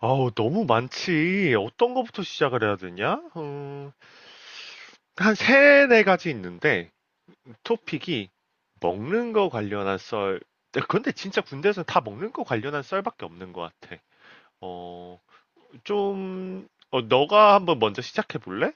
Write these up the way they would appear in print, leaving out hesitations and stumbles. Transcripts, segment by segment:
너무 많지. 어떤 거부터 시작을 해야 되냐? 한 세네 가지 있는데, 토픽이 먹는 거 관련한 썰. 근데 데 진짜 군대에서는 다 먹는 거 관련한 썰밖에 없는 것 같아. 어, 너가 한번 먼저 시작해 볼래?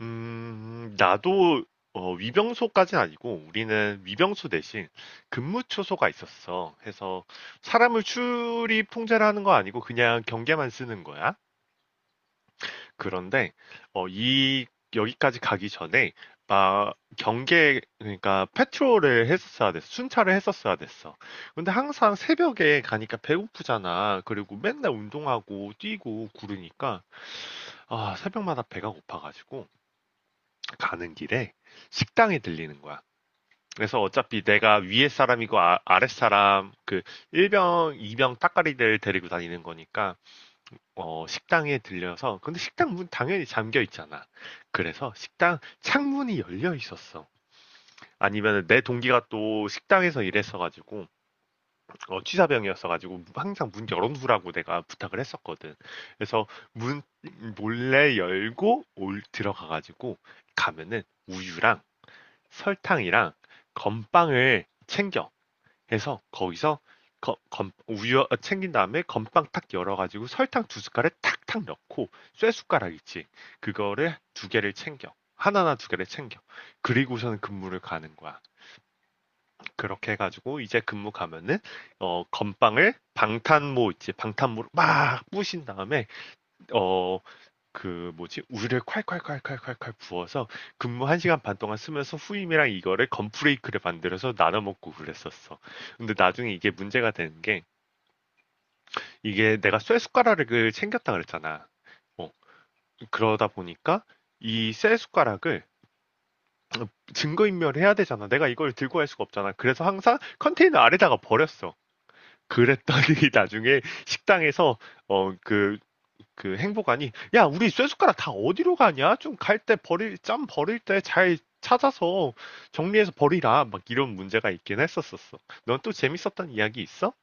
나도, 위병소까지는 아니고, 우리는 위병소 대신 근무초소가 있었어. 해서, 사람을 출입 통제를 하는 거 아니고, 그냥 경계만 쓰는 거야. 그런데 어, 이 여기까지 가기 전에 막 경계, 그러니까 패트롤을 했었어야 됐어. 순찰을 했었어야 됐어. 근데 항상 새벽에 가니까 배고프잖아. 그리고 맨날 운동하고 뛰고 구르니까 새벽마다 배가 고파 가지고 가는 길에 식당에 들리는 거야. 그래서 어차피 내가 위에 사람이고, 아랫 사람, 그 1병, 2병 따까리들 데리고 다니는 거니까, 식당에 들려서. 근데 식당 문 당연히 잠겨 있잖아. 그래서 식당 창문이 열려 있었어. 아니면 내 동기가 또 식당에서 일했어가지고, 취사병이었어가지고 항상 문 열어두라고 내가 부탁을 했었거든. 그래서 문 몰래 열고 올 들어가가지고 가면은 우유랑 설탕이랑 건빵을 챙겨. 해서 거기서 우유 챙긴 다음에 건빵 탁 열어가지고 설탕 두 숟갈에 탁탁 넣고, 쇠 숟가락 있지, 그거를 두 개를 챙겨 하나나 두 개를 챙겨. 그리고서는 근무를 가는 거야. 그렇게 해가지고 이제 근무 가면은 건빵을, 방탄모 있지, 방탄모로 막 부신 다음에 어 그 뭐지? 우유를 콸콸콸콸콸콸 부어서 근무 한 시간 반 동안 쓰면서 후임이랑 이거를 건프레이크를 만들어서 나눠 먹고 그랬었어. 근데 나중에 이게 문제가 되는 게, 이게 내가 쇠 숟가락을 챙겼다 그랬잖아. 어, 그러다 보니까 이 쇠 숟가락을 증거인멸해야 되잖아. 내가 이걸 들고 갈 수가 없잖아. 그래서 항상 컨테이너 아래다가 버렸어. 그랬더니 나중에 식당에서 어, 그 행복하니, 야 우리 쇠숟가락 다 어디로 가냐, 좀 갈 때 버릴, 짬 버릴 때 잘 찾아서 정리해서 버리라, 막 이런 문제가 있긴 했었었어. 넌 또 재밌었던 이야기 있어?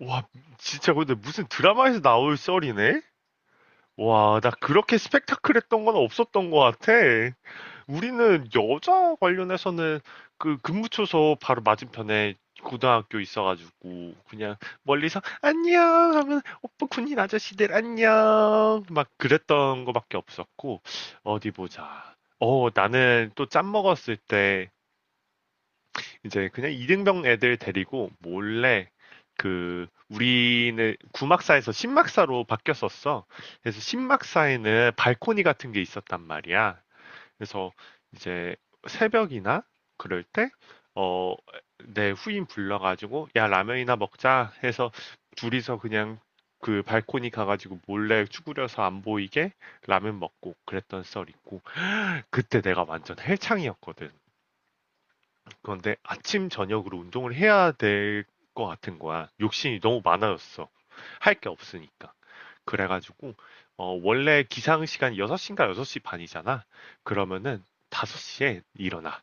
와, 진짜 근데 무슨 드라마에서 나올 썰이네. 와, 나 그렇게 스펙타클했던 건 없었던 것 같아. 우리는 여자 관련해서는 그 근무초소 바로 맞은편에 고등학교 있어가지고, 그냥 멀리서 안녕 하면 오빠, 군인 아저씨들 안녕 막 그랬던 거밖에 없었고. 어디 보자. 나는 또 짬 먹었을 때 이제 그냥 이등병 애들 데리고 몰래, 그 우리는 구막사에서 신막사로 바뀌었었어. 그래서 신막사에는 발코니 같은 게 있었단 말이야. 그래서 이제 새벽이나 그럴 때, 어, 내 후임 불러가지고, 야, 라면이나 먹자 해서 둘이서 그냥 그 발코니 가가지고 몰래 쭈그려서 안 보이게 라면 먹고 그랬던 썰 있고, 그때 내가 완전 헬창이었거든. 그런데 아침 저녁으로 운동을 해야 될 것 같은 거야. 욕심이 너무 많아졌어. 할 게 없으니까. 그래가지고 원래 기상 시간이 6시인가 6시 반이잖아. 그러면은 5시에 일어나.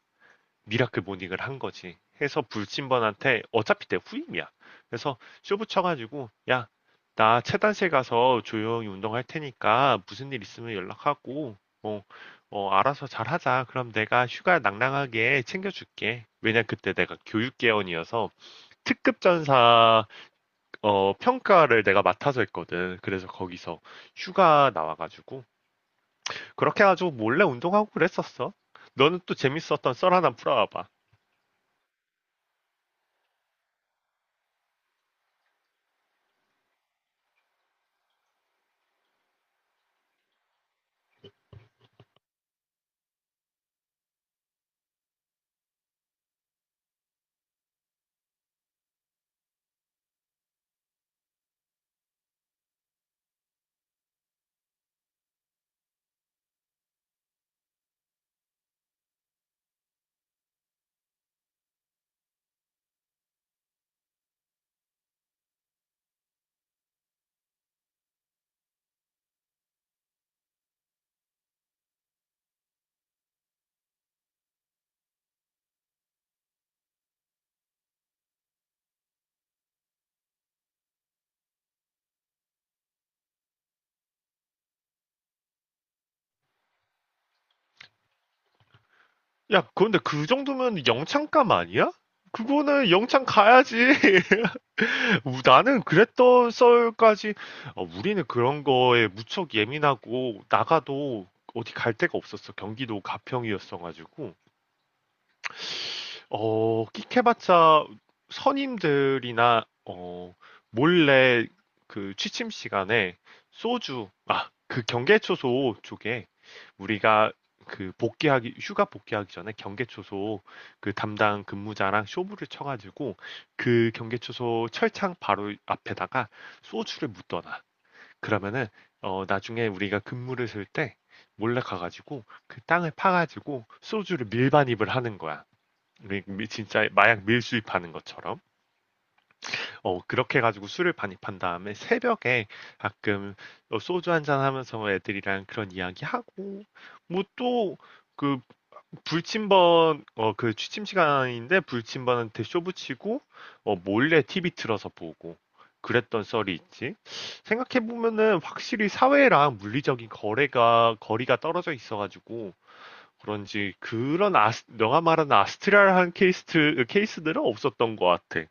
미라클 모닝을 한 거지. 해서 불침번한테 어차피 내 후임이야. 그래서 쇼 붙여가지고, 야, 나 체단실 가서 조용히 운동할 테니까 무슨 일 있으면 연락하고, 어, 알아서 잘 하자. 그럼 내가 휴가 낭낭하게 챙겨줄게. 왜냐 그때 내가 교육개원이어서 특급 전사 평가를 내가 맡아서 했거든. 그래서 거기서 휴가 나와가지고 그렇게 해가지고 몰래 운동하고 그랬었어. 너는 또 재밌었던 썰 하나 풀어와봐. 야, 그런데 그 정도면 영창감 아니야? 그거는 영창 가야지. 나는 그랬던 썰까지, 우리는 그런 거에 무척 예민하고, 나가도 어디 갈 데가 없었어. 경기도 가평이었어가지고. 끽해봤자 선임들이나, 몰래 그 취침 시간에 소주, 아, 그 경계초소 쪽에 우리가 그 복귀하기, 휴가 복귀하기 전에 경계초소 그 담당 근무자랑 쇼부를 쳐가지고 그 경계초소 철창 바로 앞에다가 소주를 묻어놔. 그러면은 나중에 우리가 근무를 쓸 때 몰래 가가지고 그 땅을 파가지고 소주를 밀반입을 하는 거야. 진짜 마약 밀수입하는 것처럼, 그렇게 가지고 술을 반입한 다음에 새벽에 가끔 소주 한잔 하면서 애들이랑 그런 이야기 하고, 뭐 또 그 불침번, 그 취침 시간인데 불침번한테 쇼 붙이고 몰래 TV 틀어서 보고 그랬던 썰이 있지. 생각해 보면은 확실히 사회랑 물리적인 거래가, 거리가 떨어져 있어가지고 그런지, 그런 너가 말하는 아스트랄한 케이스들은 없었던 것 같아.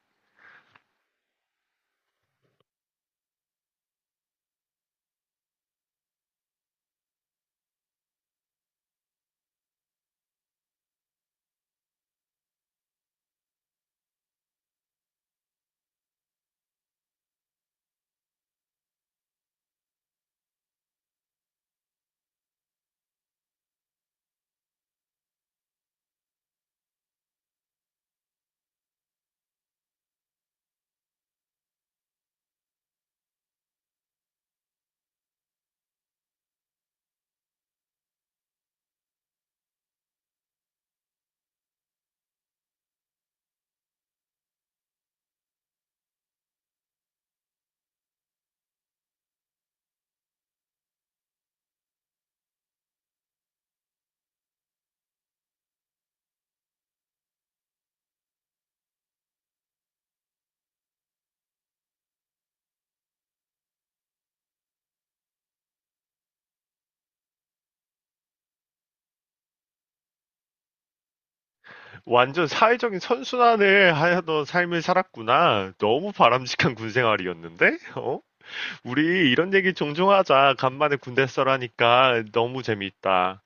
완전 사회적인 선순환을 하던 삶을 살았구나. 너무 바람직한 군 생활이었는데? 어? 우리 이런 얘기 종종 하자. 간만에 군대 써라니까 너무 재미있다.